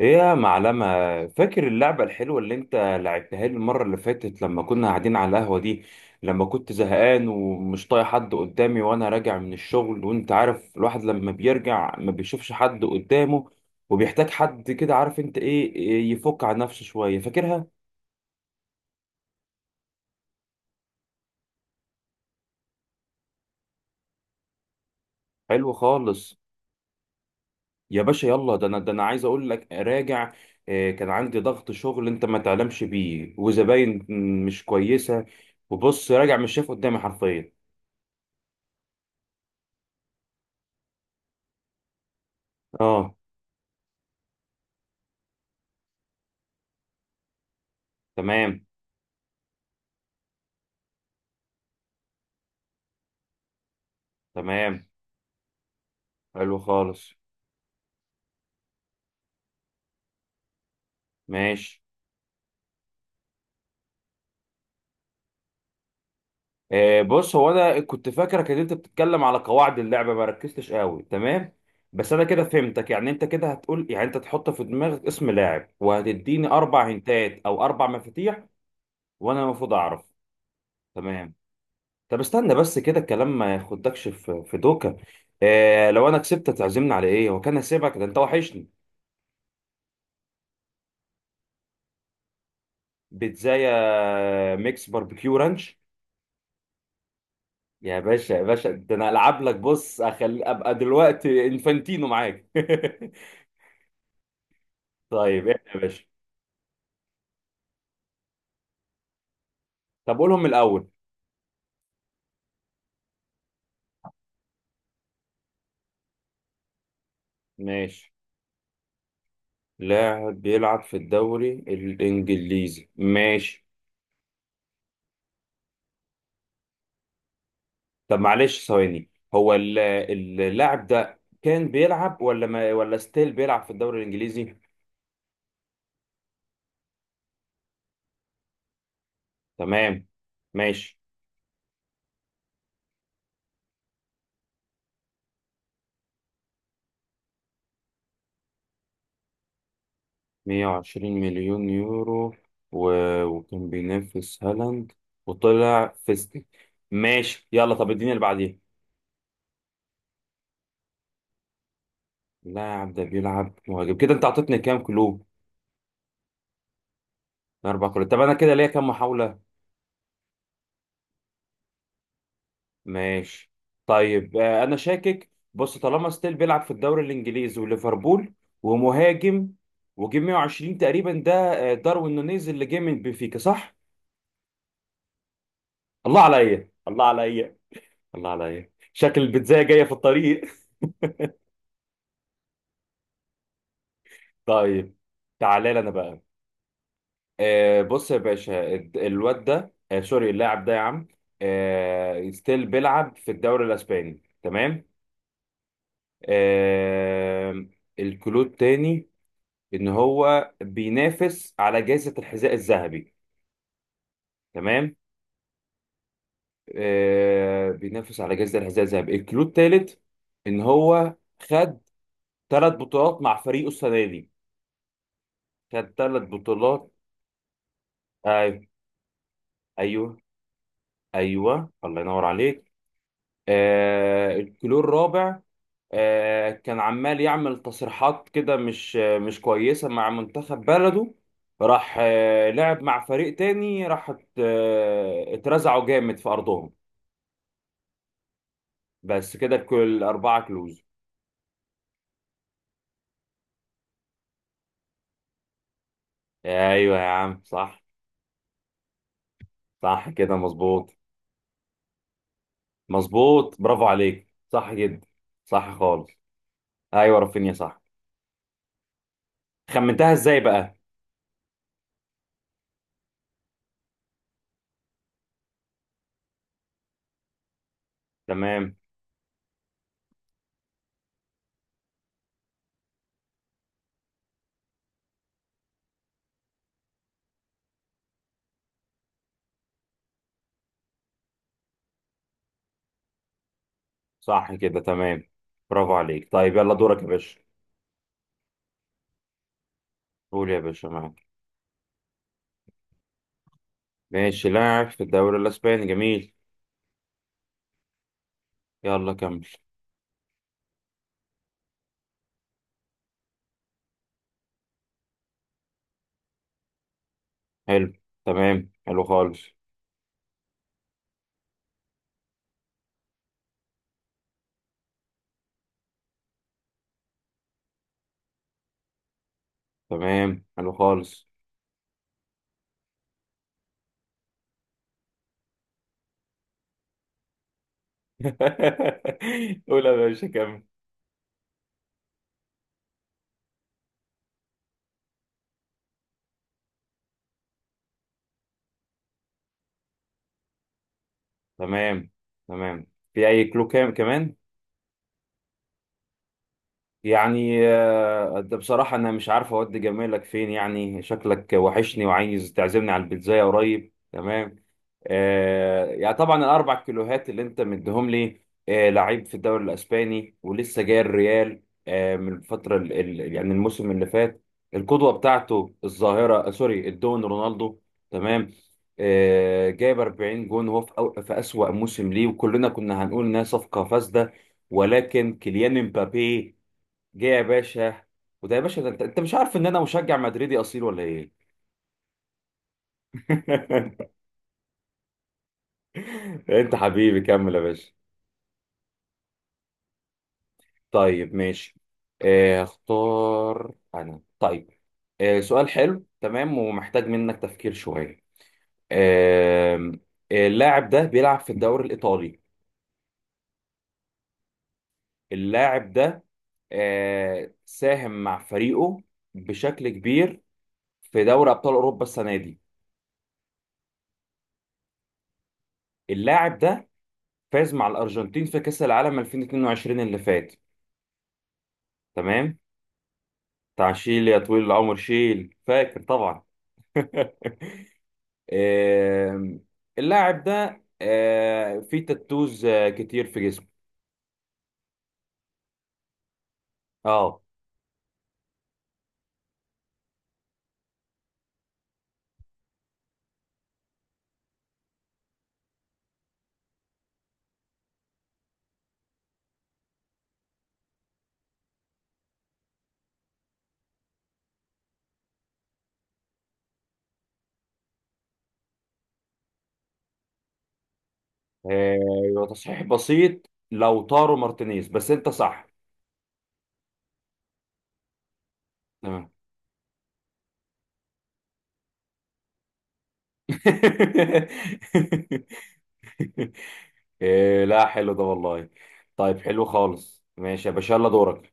ايه يا معلمة؟ فاكر اللعبة الحلوة اللي انت لعبتها لي المرة اللي فاتت لما كنا قاعدين على القهوة دي؟ لما كنت زهقان ومش طايق حد قدامي وانا راجع من الشغل، وانت عارف الواحد لما بيرجع ما بيشوفش حد قدامه وبيحتاج حد كده، عارف انت إيه يفك عن نفسه شوية؟ فاكرها؟ حلو خالص. يا باشا يلا، ده انا عايز اقول لك، راجع، إيه، كان عندي ضغط شغل انت ما تعلمش بيه، وزباين مش كويسة، وبص راجع مش شايف قدامي حرفيا. اه تمام. تمام. حلو خالص. ماشي. بص، هو انا كنت فاكرك ان انت بتتكلم على قواعد اللعبه، ما ركزتش قوي، تمام. بس انا كده فهمتك، يعني انت كده هتقول، يعني انت تحط في دماغك اسم لاعب وهتديني اربع هنتات او اربع مفاتيح وانا المفروض اعرف. تمام. طب استنى بس كده الكلام ما ياخدكش في دوكا. لو انا كسبت تعزمني على ايه؟ وكان هسيبك، ده انت وحشني. بيتزايا ميكس باربيكيو رانش. يا باشا يا باشا، ده انا العب لك، بص أخلي ابقى دلوقتي انفانتينو معاك. طيب احنا يا باشا. طب قولهم من الاول. ماشي، لاعب بيلعب في الدوري الانجليزي، ماشي. طب معلش ثواني، هو ال- اللاعب ده كان بيلعب، ولا ما ولا ستيل بيلعب في الدوري الانجليزي؟ تمام. ماشي. 120 مليون يورو و... وكان بينافس هالاند وطلع فيستك. ماشي يلا، طب اديني اللي بعديه. لا يا عم، ده بيلعب مهاجم كده؟ انت عطيتني كام كلو؟ اربع كلو؟ طب انا كده ليا كام محاوله؟ ماشي. طيب انا شاكك، بص طالما ستيل بيلعب في الدوري الانجليزي وليفربول، ومهاجم، وجه 120 تقريبا ده، داروين نونيز اللي جه من بنفيكا، صح؟ الله عليا، الله عليا، الله عليا، شكل البيتزايه جايه في الطريق. طيب، تعالى لي انا بقى. بص يا باشا، الواد ده، سوري، اللاعب ده يا عم، ستيل بيلعب في الدوري الاسباني، تمام. آم، الكلود تاني، ان هو بينافس على جائزة الحذاء الذهبي، تمام. بينافس على جائزة الحذاء الذهبي. الكلود تالت، ان هو خد ثلاث بطولات مع فريقه السنة دي، خد ثلاث بطولات. ايوه، ايوه، ايوه، الله ينور عليك. الكلور الرابع، كان عمال يعمل تصريحات كده مش كويسة مع منتخب بلده، راح لعب مع فريق تاني، راح اترزعوا جامد في أرضهم. بس كده، كل أربعة كلوز. أيوة يا عم، صح، صح كده، مظبوط. مظبوط، برافو عليك، صح جدا، صح خالص. أيوة رافينيا، صح. خمنتها إزاي بقى؟ تمام، صح كده، تمام. برافو عليك. طيب يلا، دورك يا باشا. قول يا باشا، معاك. ماشي، لاعب في الدوري الاسباني، جميل. يلا كمل. حلو، تمام، حلو خالص. تمام، حلو خالص. قول يا باشا، كمل. تمام، تمام. في اي كلو كام كمان؟ يعني ده بصراحة أنا مش عارف أودي جمالك فين، يعني شكلك وحشني وعايز تعزمني على البيتزاية قريب، تمام. يعني طبعا الأربع كيلوهات اللي أنت مديهم لي، لعيب في الدوري الأسباني، ولسه جاي الريال من الفترة، ال ال يعني الموسم اللي فات، القدوة بتاعته الظاهرة، سوري، الدون رونالدو، تمام، جايب 40 جون، وهو في أسوأ موسم ليه، وكلنا كنا هنقول إنها صفقة فاسدة، ولكن كيليان مبابي جه يا باشا. وده يا باشا، ده انت مش عارف ان انا مشجع مدريدي اصيل ولا ايه؟ انت حبيبي، كمل يا باشا. طيب ماشي. اختار انا طيب. سؤال حلو، تمام، ومحتاج منك تفكير شوية. آم، اللاعب ده بيلعب في الدوري الإيطالي. اللاعب ده ساهم مع فريقه بشكل كبير في دوري أبطال أوروبا السنة دي. اللاعب ده فاز مع الأرجنتين في كأس العالم 2022 اللي فات، تمام. بتاع شيل يا طويل العمر، شيل، فاكر طبعا. آم، اللاعب ده فيه تاتوز كتير في جسمه. اه. تصحيح بسيط، لو طارو مارتينيز، بس انت صح. تمام. لا حلو ده والله. طيب حلو خالص، ماشي يا باشا، يلا دورك.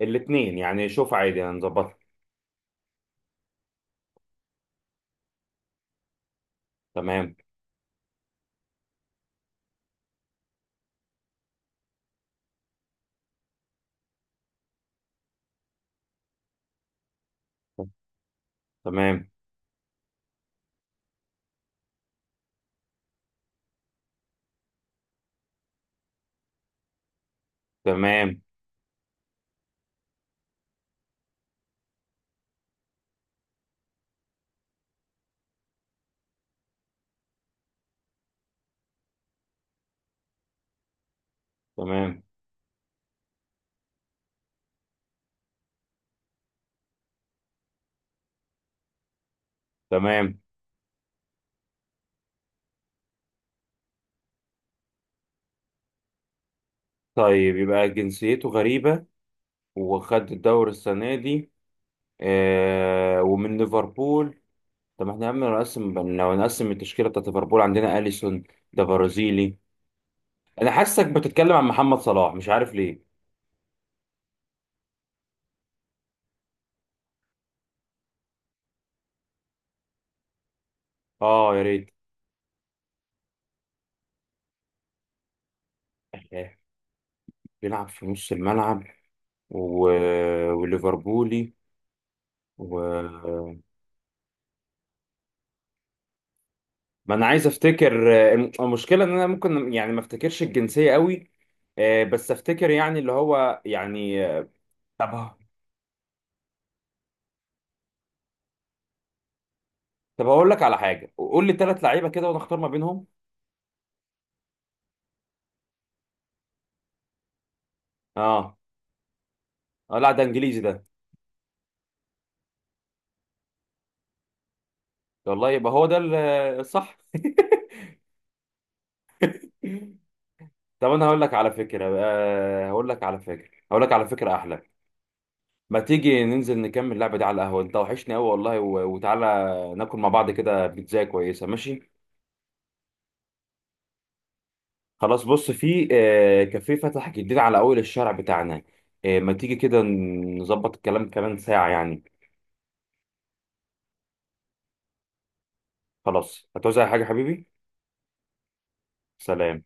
الاثنين يعني، شوف عادي هنظبطها. تمام. تمام. تمام. تمام. تمام. طيب يبقى جنسيته غريبة، وخد الدوري السنة دي، ومن ليفربول. طب احنا يا عم نقسم، لو نقسم التشكيلة بتاعت ليفربول، عندنا أليسون، ده برازيلي. أنا حاسك بتتكلم عن محمد صلاح، مش عارف ليه. اه يا ريت. آه، بيلعب في نص الملعب و... وليفربولي و... ما أنا عايز أفتكر، المشكلة إن أنا ممكن يعني ما أفتكرش الجنسية قوي، بس أفتكر، يعني اللي هو يعني طب طب هقول لك على حاجه، قول لي ثلاث لعيبه كده وانا اختار ما بينهم. اه. اه، لا ده انجليزي ده. والله يبقى هو ده الصح. طب انا هقول لك على فكره احلى، ما تيجي ننزل نكمل اللعبه دي على القهوه؟ انت وحشني قوي والله، وتعالى ناكل مع بعض كده بيتزا كويسه، ماشي؟ خلاص، بص في كافيه فتح جديد على اول الشارع بتاعنا، ما تيجي كده نظبط الكلام كمان ساعه يعني. خلاص، هتعوز أي حاجه حبيبي؟ سلام.